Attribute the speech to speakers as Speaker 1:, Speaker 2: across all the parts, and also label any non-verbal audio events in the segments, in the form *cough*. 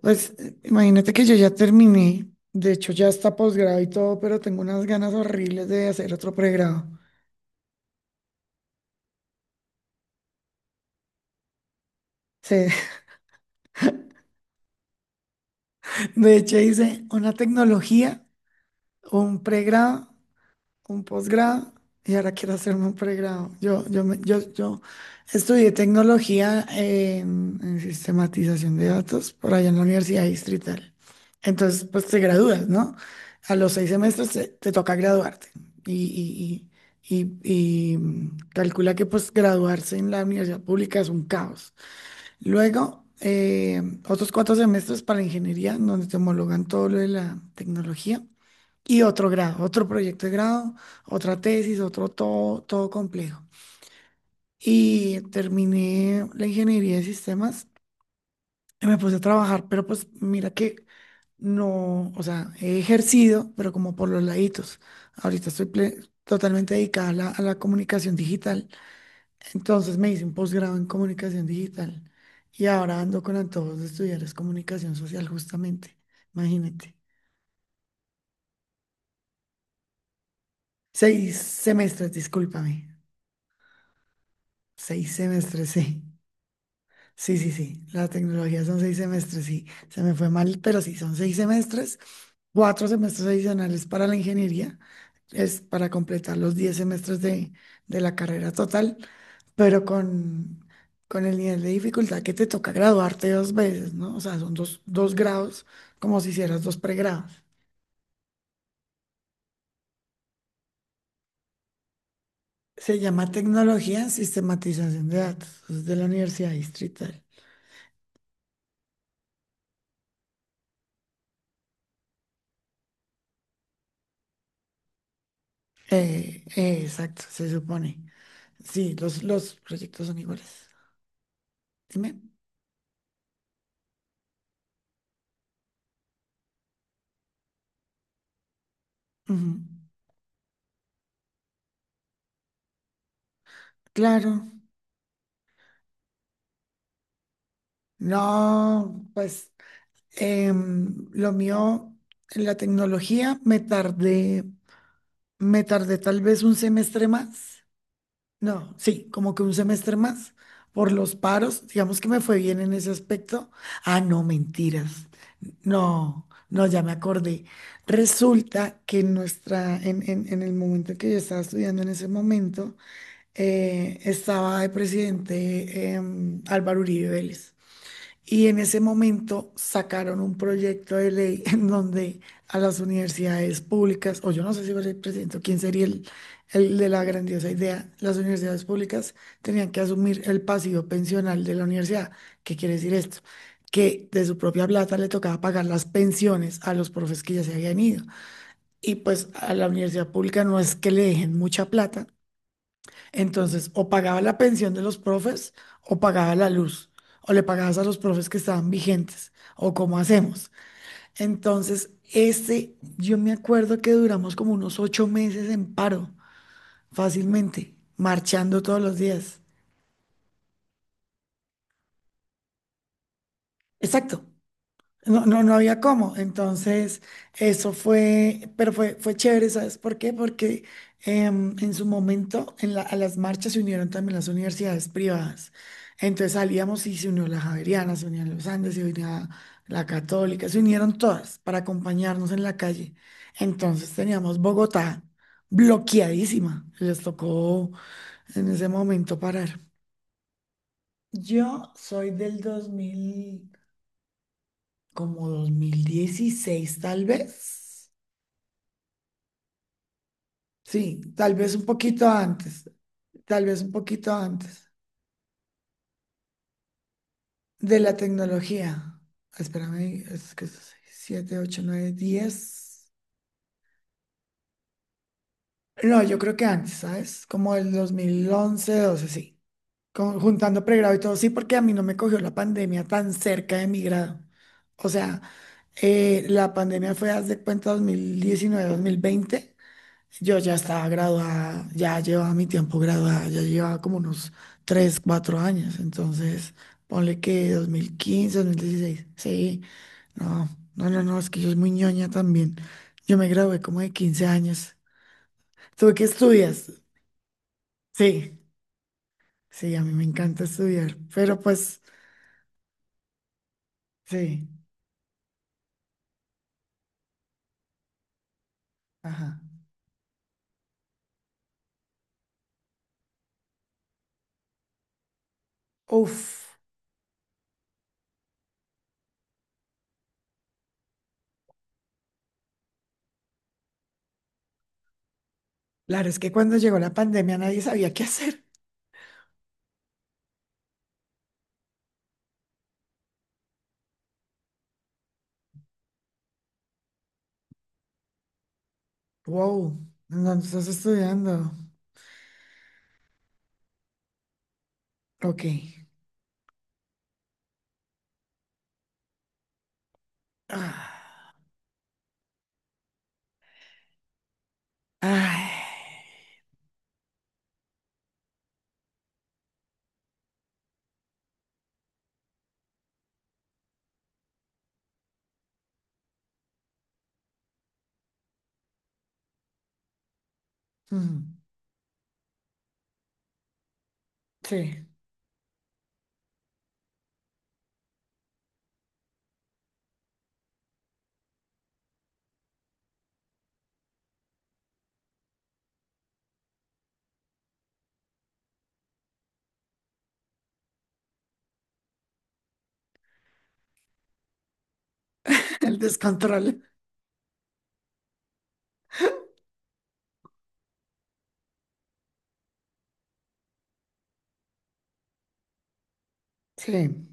Speaker 1: Pues imagínate que yo ya terminé, de hecho ya está posgrado y todo, pero tengo unas ganas horribles de hacer otro pregrado. Sí, *laughs* de hecho hice una tecnología, un pregrado, un posgrado y ahora quiero hacerme un pregrado. Yo estudié tecnología en sistematización de datos por allá en la Universidad Distrital. Entonces, pues te gradúas, ¿no? A los 6 semestres te toca graduarte. Y, y calcula que pues graduarse en la universidad pública es un caos. Luego, otros 4 semestres para ingeniería, donde te homologan todo lo de la tecnología y otro grado, otro proyecto de grado, otra tesis, otro todo, todo complejo. Y terminé la ingeniería de sistemas y me puse a trabajar, pero pues mira que no, o sea, he ejercido, pero como por los laditos. Ahorita estoy totalmente dedicada a la comunicación digital. Entonces me hice un posgrado en comunicación digital y ahora ando con antojos de estudiar es comunicación social justamente. Imagínate. Seis semestres, discúlpame. Seis semestres, sí. Sí, sí, sí. La tecnología son 6 semestres, sí. Se me fue mal, pero sí, son 6 semestres, 4 semestres adicionales para la ingeniería, es para completar los 10 semestres de la carrera total, pero con el nivel de dificultad que te toca graduarte dos veces, ¿no? O sea, son dos, dos grados, como si hicieras dos pregrados. Se llama tecnología en sistematización de datos, es de la Universidad Distrital. Exacto, se supone. Sí, los proyectos son iguales. Dime. Ujú. Claro. No, pues lo mío, en la tecnología, me tardé tal vez un semestre más. No, sí, como que un semestre más por los paros. Digamos que me fue bien en ese aspecto. Ah, no, mentiras. No, no, ya me acordé. Resulta que en nuestra, en el momento en que yo estaba estudiando en ese momento, estaba de presidente Álvaro Uribe Vélez. Y en ese momento sacaron un proyecto de ley *laughs* en donde a las universidades públicas, o yo no sé si fue el presidente o quién sería el de la grandiosa idea, las universidades públicas tenían que asumir el pasivo pensional de la universidad. ¿Qué quiere decir esto? Que de su propia plata le tocaba pagar las pensiones a los profes que ya se habían ido. Y pues a la universidad pública no es que le dejen mucha plata, entonces, o pagaba la pensión de los profes o pagaba la luz, o le pagabas a los profes que estaban vigentes, o cómo hacemos. Entonces, este, yo me acuerdo que duramos como unos 8 meses en paro, fácilmente, marchando todos los días. Exacto. No, no, no había cómo. Entonces, eso fue, pero fue, fue chévere, ¿sabes por qué? Porque en su momento en a las marchas se unieron también las universidades privadas. Entonces salíamos y se unió la Javeriana, se unían los Andes, se unía la Católica, se unieron todas para acompañarnos en la calle. Entonces teníamos Bogotá bloqueadísima. Les tocó en ese momento parar. Yo soy del 2000 como 2016 tal vez. Sí, tal vez un poquito antes, tal vez un poquito antes de la tecnología. Espérame, es que es 7, 8, 9, 10. No, yo creo que antes, ¿sabes? Como el 2011, 12, sí. Juntando pregrado y todo, sí, porque a mí no me cogió la pandemia tan cerca de mi grado. O sea, la pandemia fue, haz de cuenta, 2019, 2020. Yo ya estaba graduada, ya llevaba mi tiempo graduada, ya llevaba como unos 3 4 años, entonces ponle que 2015 2016 sí, no, no, es que yo soy muy ñoña también, yo me gradué como de 15 años, ¿tú qué estudias? Sí, sí, a mí me encanta estudiar, pero pues, sí, ajá, uf, claro, es que cuando llegó la pandemia nadie sabía qué hacer, wow, ¿en ¿dónde estás estudiando? Ok, ah. Ay, mm, sí, *laughs* el descontrol. Sí,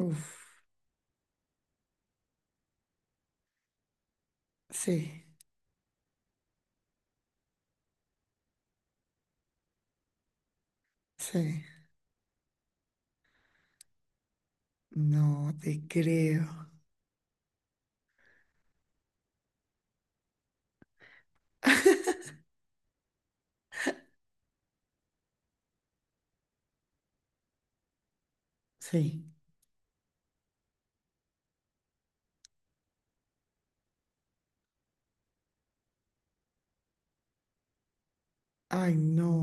Speaker 1: uf, sí, sí. No te creo. *laughs* Sí. Ay, no,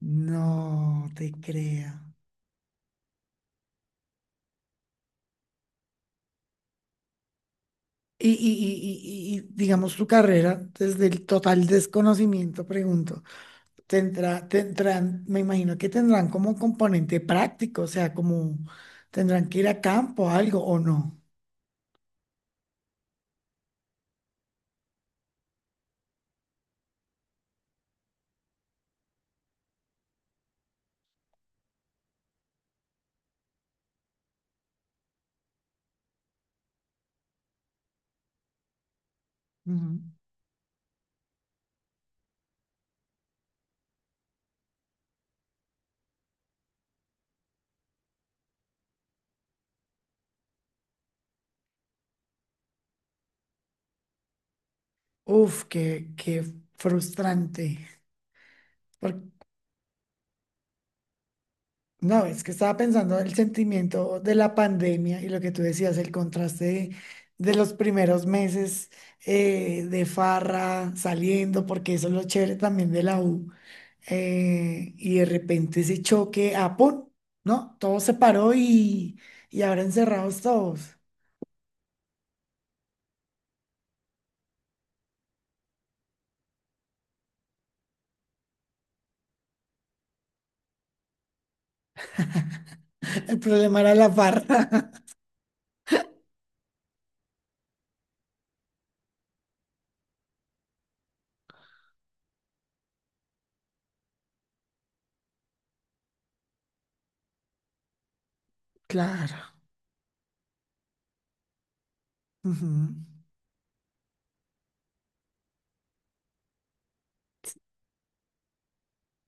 Speaker 1: no te creo. Digamos tu carrera, desde el total desconocimiento, pregunto, tendrán, me imagino que tendrán como componente práctico, o sea, como tendrán que ir a campo, algo o no. Ujú. Uf, qué, qué frustrante. Por- no, es que estaba pensando en el sentimiento de la pandemia y lo que tú decías, el contraste de los primeros meses de farra, saliendo, porque eso es lo chévere también de la U. Y de repente ese choque, ah, ¡pum! ¿No? Todo se paró y ahora encerrados todos. *laughs* El problema era la farra. *laughs* Claro. Ujú.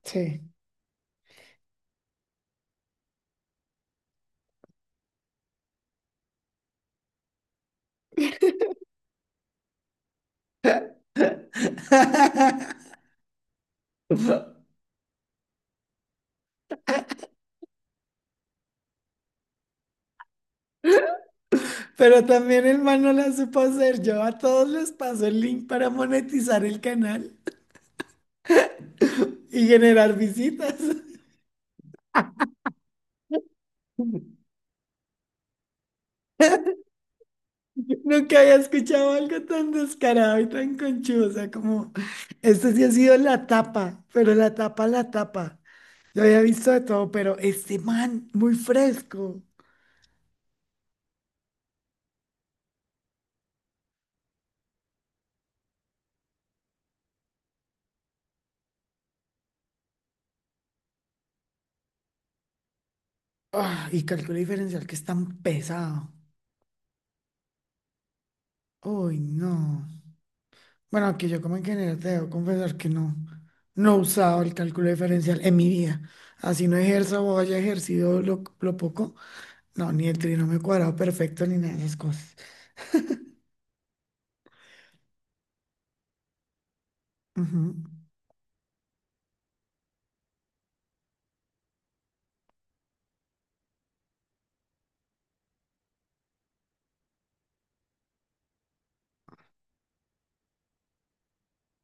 Speaker 1: Sí. *laughs* Pero también el man no la supo hacer. Yo a todos les paso el link para monetizar el canal y generar visitas. *laughs* Nunca había escuchado algo tan descarado y tan conchudo. O sea, como esto sí ha sido la tapa, pero la tapa, la tapa. Yo había visto de todo, pero este man, muy fresco. Ah, y cálculo diferencial que es tan pesado. Uy, no. Bueno, aquí yo como ingeniero te debo confesar que no, no he usado el cálculo diferencial en mi vida. Así no ejerzo o haya ejercido lo poco. No, ni el trinomio cuadrado perfecto ni nada de esas cosas. Ujú.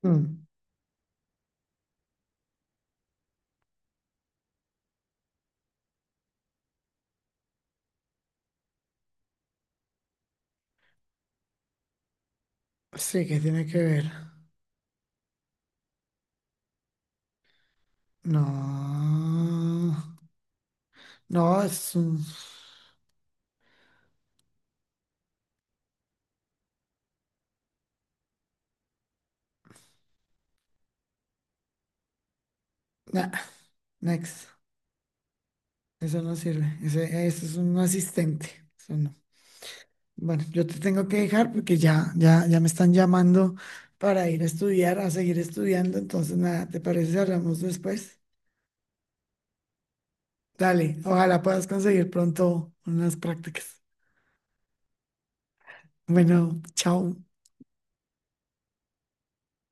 Speaker 1: Mm. Sí, que tiene que ver. No. No, es un... Nah, next. Eso no sirve. Ese es un asistente. Eso no. Bueno, yo te tengo que dejar porque ya me están llamando para ir a estudiar, a seguir estudiando. Entonces, nada, ¿te parece si hablamos después? Dale, ojalá puedas conseguir pronto unas prácticas. Bueno, chao.